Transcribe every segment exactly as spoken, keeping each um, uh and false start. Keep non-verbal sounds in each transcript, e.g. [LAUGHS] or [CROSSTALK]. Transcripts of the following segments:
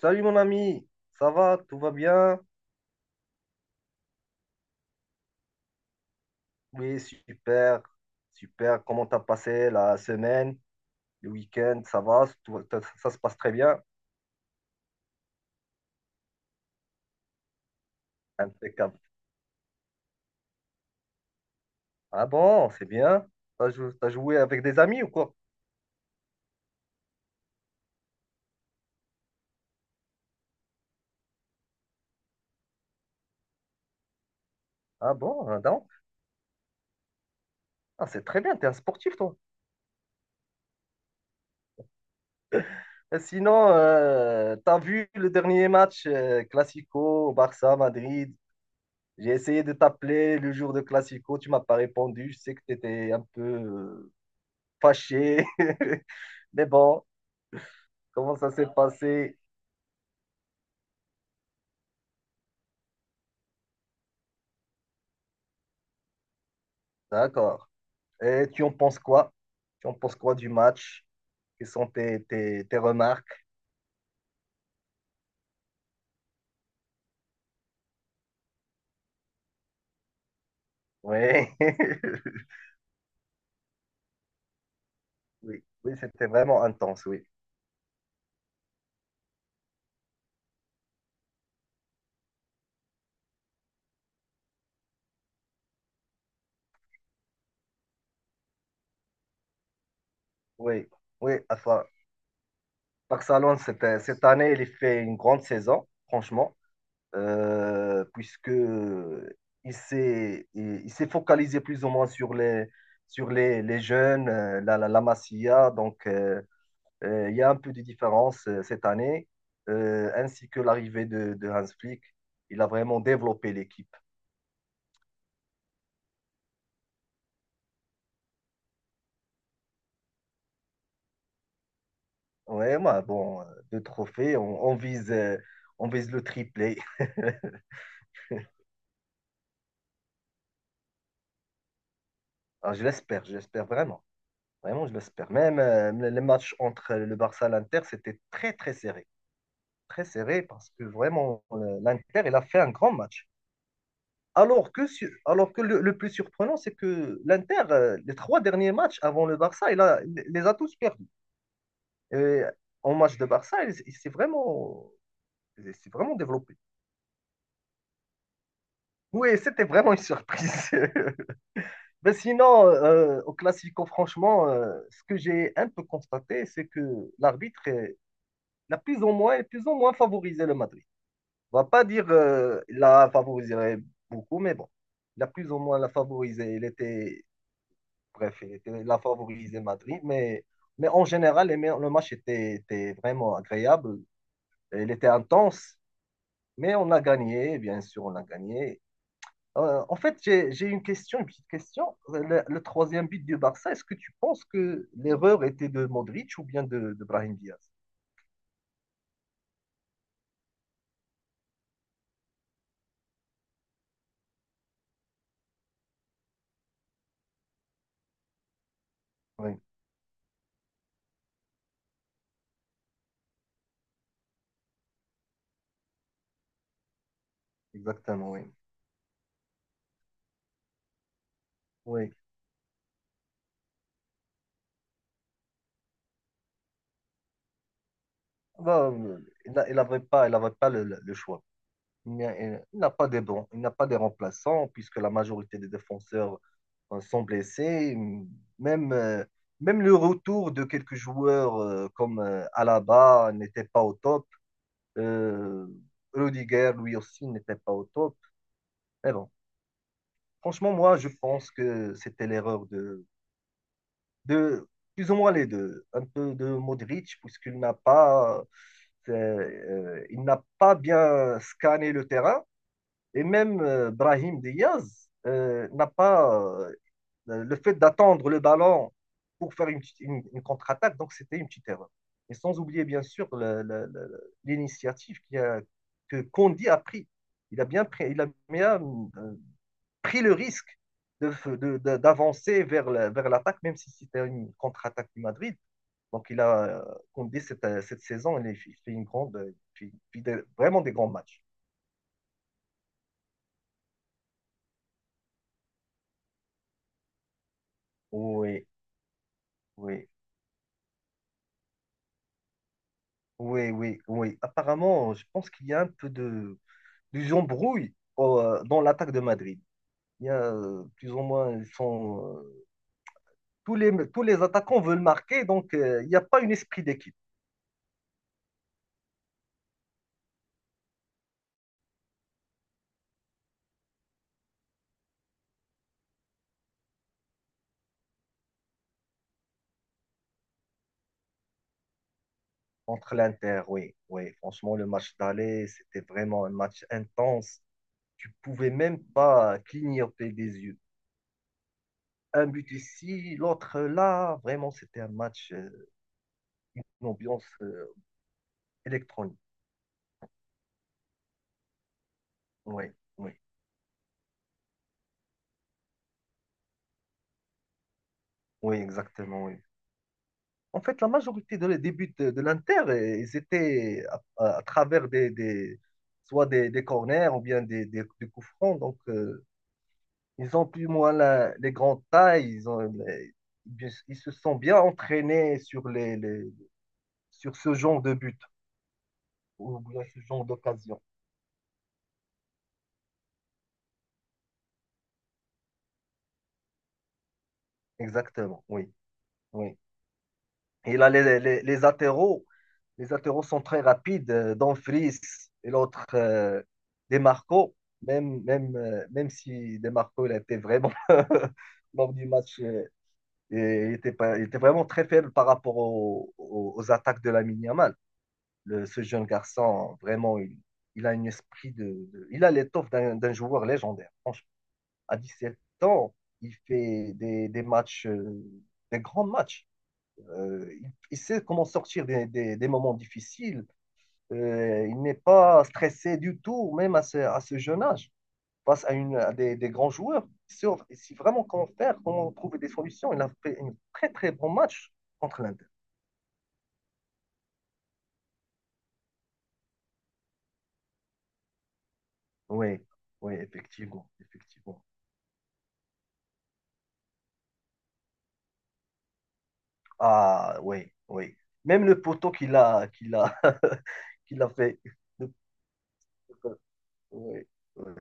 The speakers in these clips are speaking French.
Salut mon ami, ça va, tout va bien? Oui, super, super. Comment t'as passé la semaine, le week-end? Ça va, tout- ça, ça se passe très bien, impeccable. Ah bon, c'est bien. T'as jou- t'as joué avec des amis ou quoi? Ah bon, ah non. Ah, c'est très bien, t'es un sportif toi. Et sinon, euh, t'as vu le dernier match euh, Classico, Barça, Madrid? J'ai essayé de t'appeler le jour de Classico, tu m'as pas répondu. Je sais que t'étais un peu euh, fâché, [LAUGHS] mais bon. Comment ça s'est passé? D'accord. Et tu en penses quoi? Tu en penses quoi du match? Quelles sont tes, tes, tes remarques? Oui. [LAUGHS] Oui, oui, c'était vraiment intense, oui. Oui, oui. Enfin, Barcelone, cette, cette année, il fait une grande saison, franchement, euh, puisque il s'est il, il s'est focalisé plus ou moins sur les, sur les, les jeunes, euh, la, la, la Masia, donc. Euh, Euh, il y a un peu de différence euh, cette année, euh, ainsi que l'arrivée de, de Hans Flick. Il a vraiment développé l'équipe. Ouais, moi, bon, euh, deux trophées, on, on vise, euh, on vise le triplé. [LAUGHS] Ah, je l'espère, je l'espère vraiment. Vraiment, je l'espère. Même euh, le- les matchs entre le Barça et l'Inter, c'était très, très serré. Très serré parce que vraiment, euh, l'Inter, il a fait un grand match. Alors que, su- alors que le, le plus surprenant, c'est que l'Inter, euh, les trois derniers matchs avant le Barça, il a, il les a tous perdus. Et en match de Barça, il, il s'est vraiment, il s'est vraiment développé. Oui, c'était vraiment une surprise. [LAUGHS] Mais sinon, euh, au Classico, franchement, euh, ce que j'ai un peu constaté, c'est que l'arbitre est- il a plus ou moins, plus ou moins favorisé le Madrid. On va pas dire euh, il l'a favorisé beaucoup, mais bon, il a plus ou moins la favorisé. Il était, bref, il était, il a favorisé Madrid, mais, mais en général, les- le match était, était vraiment agréable. Il était intense. Mais on a gagné, bien sûr, on a gagné. Euh, en fait, j'ai j'ai une question, une petite question. Le, le troisième but du Barça, est-ce que tu penses que l'erreur était de Modric ou bien de, de Brahim Diaz? Oui, exactement, oui. Oui. Bah, euh, il n'avait il avait pas, il avait pas le, le- le choix. Il n'y a- il- il n'a pas des bons, il n'a pas des remplaçants, puisque la majorité des défenseurs euh, sont blessés. Même, euh, même le retour de quelques joueurs euh, comme euh, Alaba n'était pas au top. Euh, Rudiger, lui aussi, n'était pas au top. Mais bon, franchement, moi, je pense que c'était l'erreur de, de plus ou moins les deux. Un peu de Modric, puisqu'il n'a pas, euh, il n'a pas bien scanné le terrain. Et même euh, Brahim Diaz euh, n'a pas Euh, Le fait d'attendre le ballon pour faire une, une- une contre-attaque, donc c'était une petite erreur. Et sans oublier, bien sûr, le- le- le- l'initiative qui a- que kondi a pris. Il a bien pris, il a bien, euh, pris le risque de de- de- d'avancer vers la- vers l'attaque, même si c'était une contre-attaque du Madrid. Donc, il a, kondi cette, euh, cette saison, il, fait une grande, euh, il fait vraiment des grands matchs. Oui, oui, oui, oui, oui. Apparemment, je pense qu'il y a un peu de, des embrouilles euh, dans l'attaque de Madrid. Il y a euh, plus ou moins, ils sont, euh, tous les, tous les attaquants veulent marquer, donc euh, il n'y a pas un esprit d'équipe entre l'Inter. Oui, oui, franchement, le match d'aller, c'était vraiment un match intense. Tu ne pouvais même pas clignoter des yeux. Un but ici, l'autre là, vraiment, c'était un match, euh, une ambiance euh, électronique. Oui, oui, oui, exactement, oui. En fait, la majorité de les buts de, de l'Inter, euh, ils étaient à, à- à travers des, des- soit des, des corners ou bien des, des- des coups francs. Donc, euh, ils ont plus ou moins la- les grandes tailles. Ils ont, les- bien- ils se sont bien entraînés sur les, les- sur ce genre de but ou bien ce genre d'occasion. Exactement, oui, oui. Il a les, les, les latéraux. Les latéraux sont très rapides. euh, Dumfries et l'autre, euh, Demarco. Même, même, euh, même si Demarco, il a été vraiment, [LAUGHS] lors du match, euh, et il était, pas, il était vraiment très faible par rapport au- au- aux, attaques de Lamine Yamal. Le- ce jeune garçon, vraiment, il, il a un esprit de, de- Il a l'étoffe d'un d'un joueur légendaire. Franchement, à dix sept ans, il fait des, des matchs, euh, des grands matchs. Euh, il sait comment sortir des, des- des moments difficiles. Euh, il n'est pas stressé du tout, même à ce, à ce jeune âge, face à, une, à des, des grands joueurs. Sur, si vraiment comment faire, comment trouver des solutions, il a fait un très très bon match contre l'Inde. Oui, oui, effectivement, effectivement. Ah, oui, oui. Même le poteau qu'il a, qu'il a, [LAUGHS] qu'il a fait. Le poteau, oui, oui.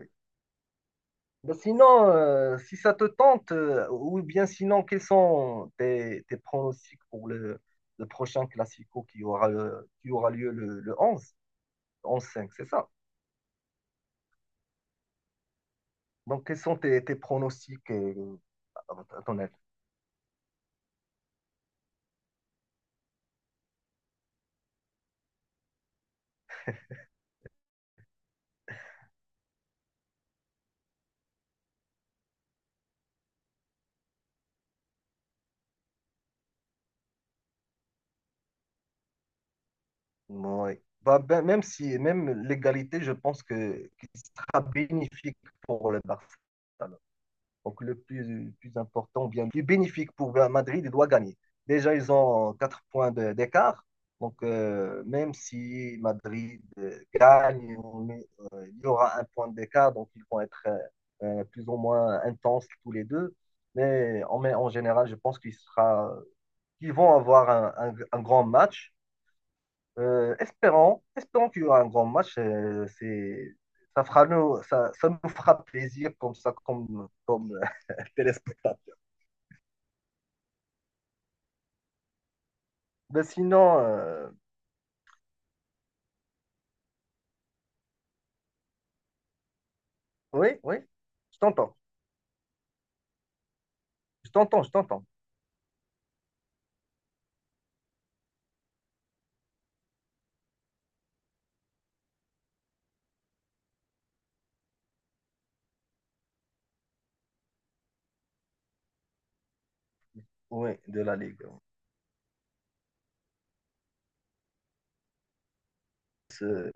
Ben sinon, euh, si ça te tente, euh, ou bien sinon, quels sont tes, tes pronostics pour le, le prochain Classico qui aura, euh, qui aura lieu le, le onze onze cinq c'est ça. Donc, quels sont tes, tes pronostics euh, à à ton avis? Ouais. Bah, ben, même si, même l'égalité, je pense que, qu'il sera bénéfique pour le Barça. Donc le plus, le plus important, bien, plus bénéfique pour Madrid, il doit gagner. Déjà, ils ont quatre points de- d'écart. Donc, euh, même si Madrid euh, gagne, on euh, il y aura un point d'écart. Donc, ils vont être euh, euh, plus ou moins intenses tous les deux. Mais en, en général, je pense qu'il sera, qu'ils vont avoir un, un- un grand match. Euh, espérons, espérons qu'il y aura un grand match. Euh, c'est, ça fera nous, ça, ça nous fera plaisir comme ça, comme, comme euh, [LAUGHS] téléspectateurs. Ben sinon, euh, oui, oui, je t'entends. Je t'entends, je t'entends. Oui, de la Ligue. C'est-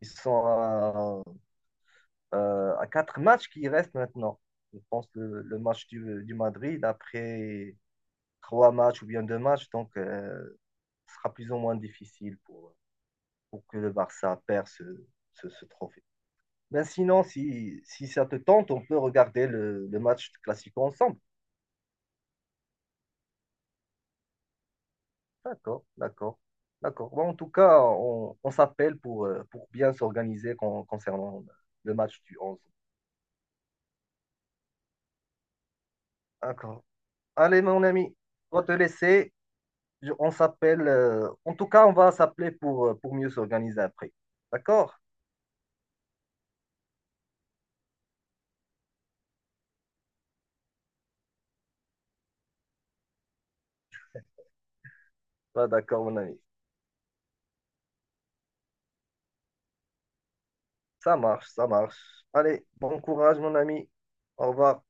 Ils sont à, euh, à quatre matchs qui restent maintenant. Je pense le, le match du, du Madrid, après trois matchs ou bien deux matchs, donc euh, ce sera plus ou moins difficile pour, pour que le Barça perde ce, ce, ce trophée. Ben sinon, si, si ça te tente, on peut regarder le, le match classique ensemble. D'accord, d'accord, d'accord. Bon, en tout cas, on, on s'appelle pour, euh, pour bien s'organiser con- concernant le match du onze. D'accord. Allez, mon ami, on va te laisser. Je- on s'appelle. Euh, en tout cas, on va s'appeler pour, euh, pour mieux s'organiser après. D'accord? Bah, d'accord, mon ami. Ça marche, ça marche. Allez, bon courage, mon ami. Au revoir.